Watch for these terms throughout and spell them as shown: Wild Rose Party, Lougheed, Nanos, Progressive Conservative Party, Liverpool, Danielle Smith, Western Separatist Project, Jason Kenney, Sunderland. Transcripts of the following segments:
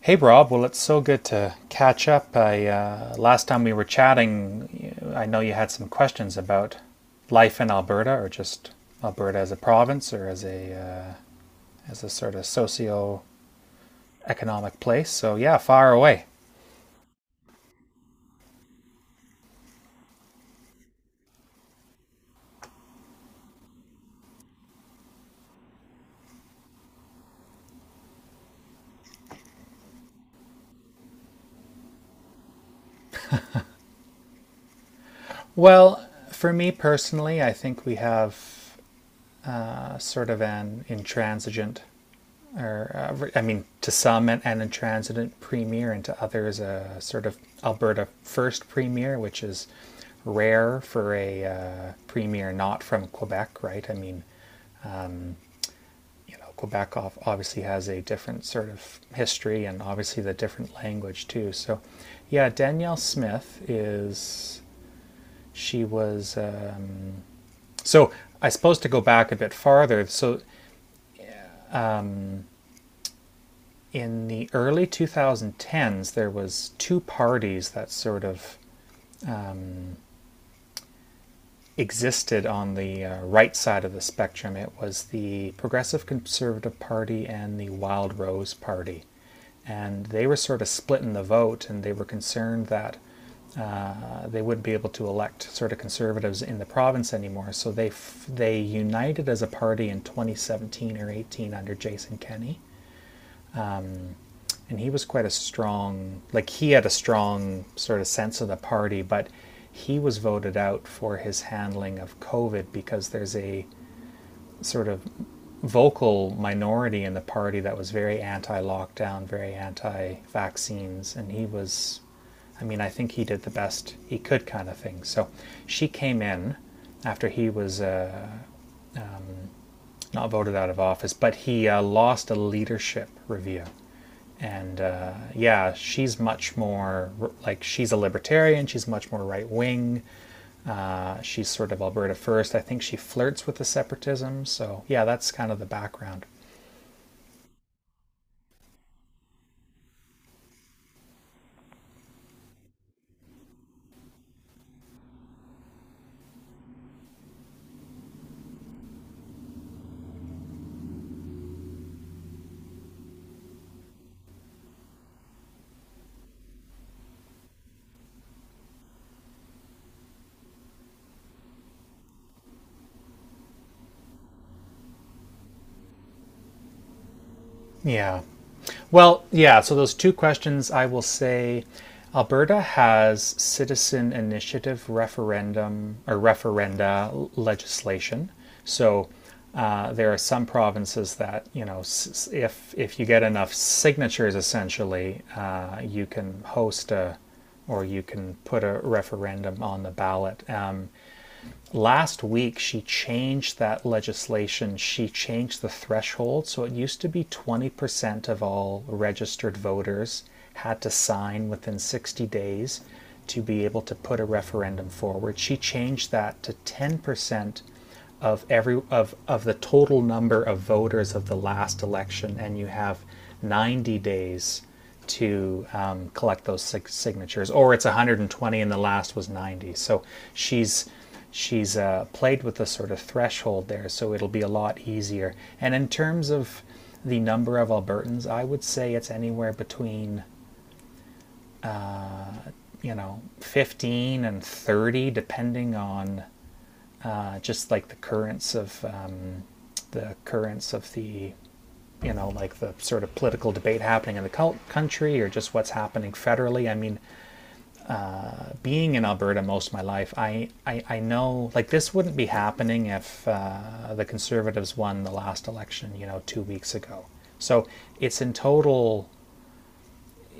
Hey, Rob. Well, it's so good to catch up. I Last time we were chatting, I know you had some questions about life in Alberta, or just Alberta as a province, or as a sort of socio-economic place. So yeah, far away. Well, for me personally, I think we have sort of an intransigent or I mean, to some an intransitant premier, and to others a sort of Alberta first premier, which is rare for a premier not from Quebec, right? I mean, you know, Quebec obviously has a different sort of history and obviously the different language too. So, yeah, Danielle Smith is, she was, so I suppose, to go back a bit farther. So in the early 2010s, there was two parties that sort of existed on the right side of the spectrum. It was the Progressive Conservative Party and the Wild Rose Party. And they were sort of split in the vote, and they were concerned that they wouldn't be able to elect sort of conservatives in the province anymore. So they united as a party in 2017 or 18 under Jason Kenney. And he was quite a strong, like, he had a strong sort of sense of the party, but he was voted out for his handling of COVID because there's a sort of vocal minority in the party that was very anti-lockdown, very anti-vaccines, and he was, I mean, I think he did the best he could, kind of thing. So she came in after he was not voted out of office, but he lost a leadership review. And yeah, she's much more like she's a libertarian. She's much more right wing. She's sort of Alberta first. I think she flirts with the separatism. So yeah, that's kind of the background. Yeah. Well, yeah, so those two questions, I will say Alberta has citizen initiative referendum or referenda legislation. So there are some provinces that, you know, if you get enough signatures, essentially, you can host a or you can put a referendum on the ballot. Last week she changed that legislation. She changed the threshold. So it used to be 20% of all registered voters had to sign within 60 days to be able to put a referendum forward. She changed that to 10% of the total number of voters of the last election, and you have 90 days to collect those signatures, or it's 120 and the last was 90. So she's she's played with the sort of threshold there, so it'll be a lot easier. And in terms of the number of Albertans, I would say it's anywhere between 15 and 30, depending on. Just like the currents of the sort of political debate happening in the country or just what's happening federally, I mean, being in Alberta most of my life, I know, like, this wouldn't be happening if the conservatives won the last election 2 weeks ago. So it's in total,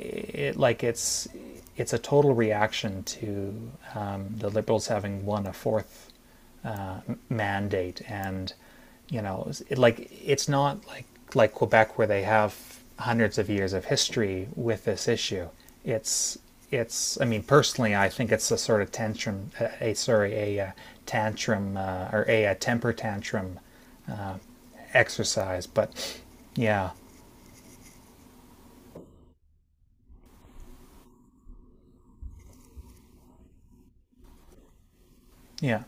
it like it's a total reaction to the liberals having won a fourth mandate. And, you know it's not like Quebec where they have hundreds of years of history with this issue. It's it's I mean, personally, I think it's a sort of tantrum, a, sorry, a, tantrum, or a, temper tantrum exercise, but yeah. Yeah,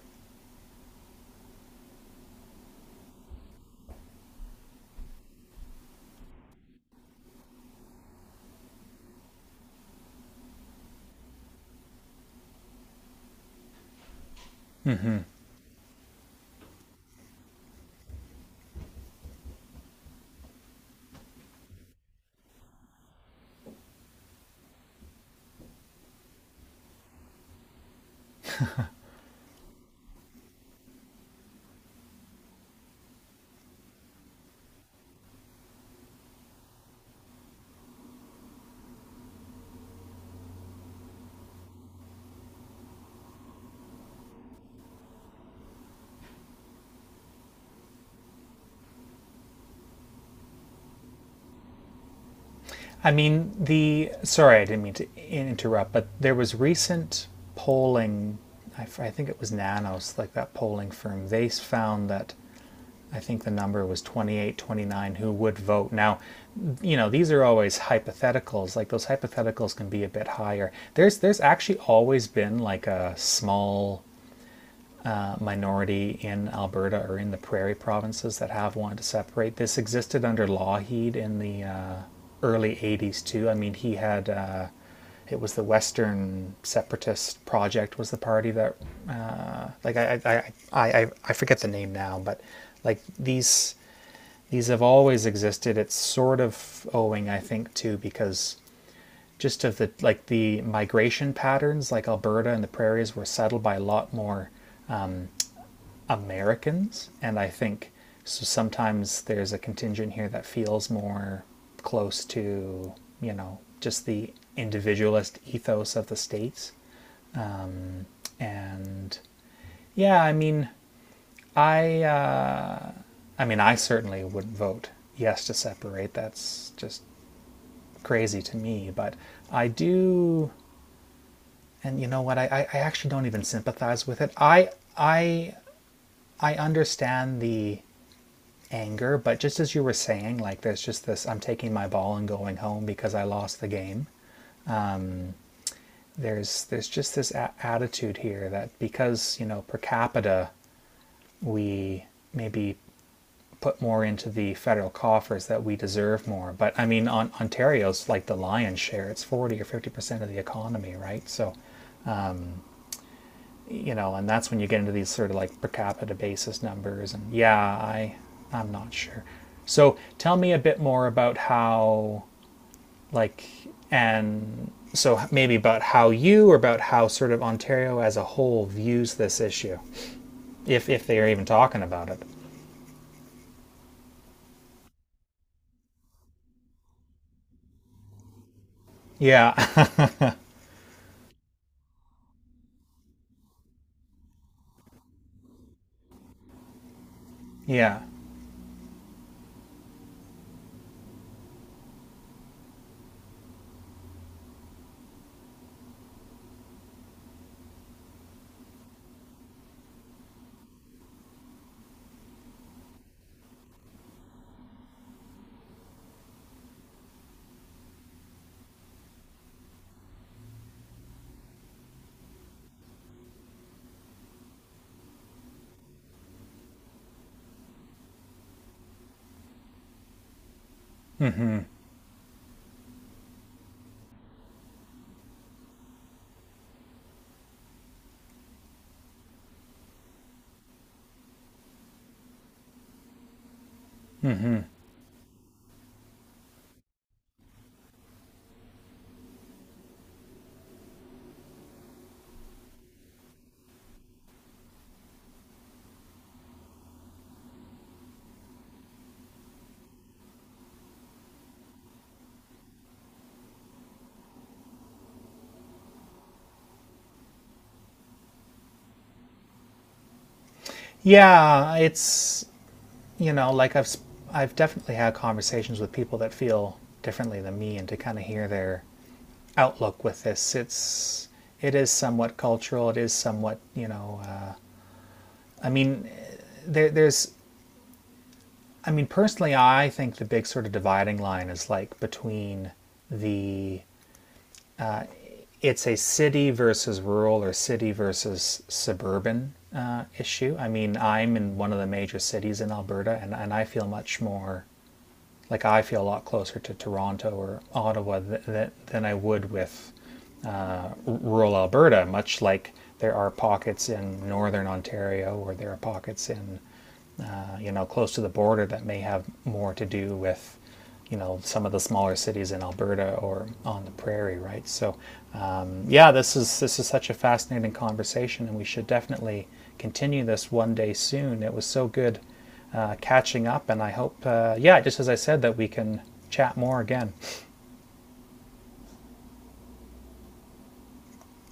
I mean, the sorry, I didn't mean to interrupt, but there was recent polling. I think it was Nanos, like that polling firm. They found that I think the number was 28, 29 who would vote. Now, you know, these are always hypotheticals. Like those hypotheticals can be a bit higher. There's actually always been like a small minority in Alberta or in the prairie provinces that have wanted to separate. This existed under Lougheed in the early 80s too. I mean, he had it was the Western Separatist Project, was the party that uh, like I I, I forget the name now, but like these have always existed. It's sort of owing, I think, too, because just of the migration patterns, like Alberta and the prairies were settled by a lot more Americans, and I think so. Sometimes there's a contingent here that feels more close to just the individualist ethos of the states. And yeah, I mean, I uh, I certainly wouldn't vote yes to separate. That's just crazy to me, but I do. And you know what? I actually don't even sympathize with it. I I understand the anger, but just as you were saying, like, there's just this. I'm taking my ball and going home because I lost the game. There's just this attitude here that because, you know, per capita, we maybe put more into the federal coffers that we deserve more. But I mean, on Ontario's like the lion's share. It's 40% or 50% of the economy, right? So, you know, and that's when you get into these sort of like per capita basis numbers. And yeah, I'm not sure. So tell me a bit more about how, like and so maybe about how you, or about how sort of Ontario as a whole views this issue, if they are even talking about it. Yeah, yeah, yeah. It's you know like I've I've definitely had conversations with people that feel differently than me, and to kind of hear their outlook with this. It is somewhat cultural. It is somewhat, you know. I mean, there, there's. I mean, personally, I think the big sort of dividing line is like between the, it's a city versus rural or city versus suburban issue. I mean, I'm in one of the major cities in Alberta, and, I feel much more like I feel a lot closer to Toronto or Ottawa than I would with rural Alberta, much like there are pockets in northern Ontario or there are pockets in, you know, close to the border that may have more to do with, you know, some of the smaller cities in Alberta or on the prairie, right? So, yeah, this is such a fascinating conversation, and we should definitely continue this one day soon. It was so good catching up, and I hope, yeah, just as I said, that we can chat more again.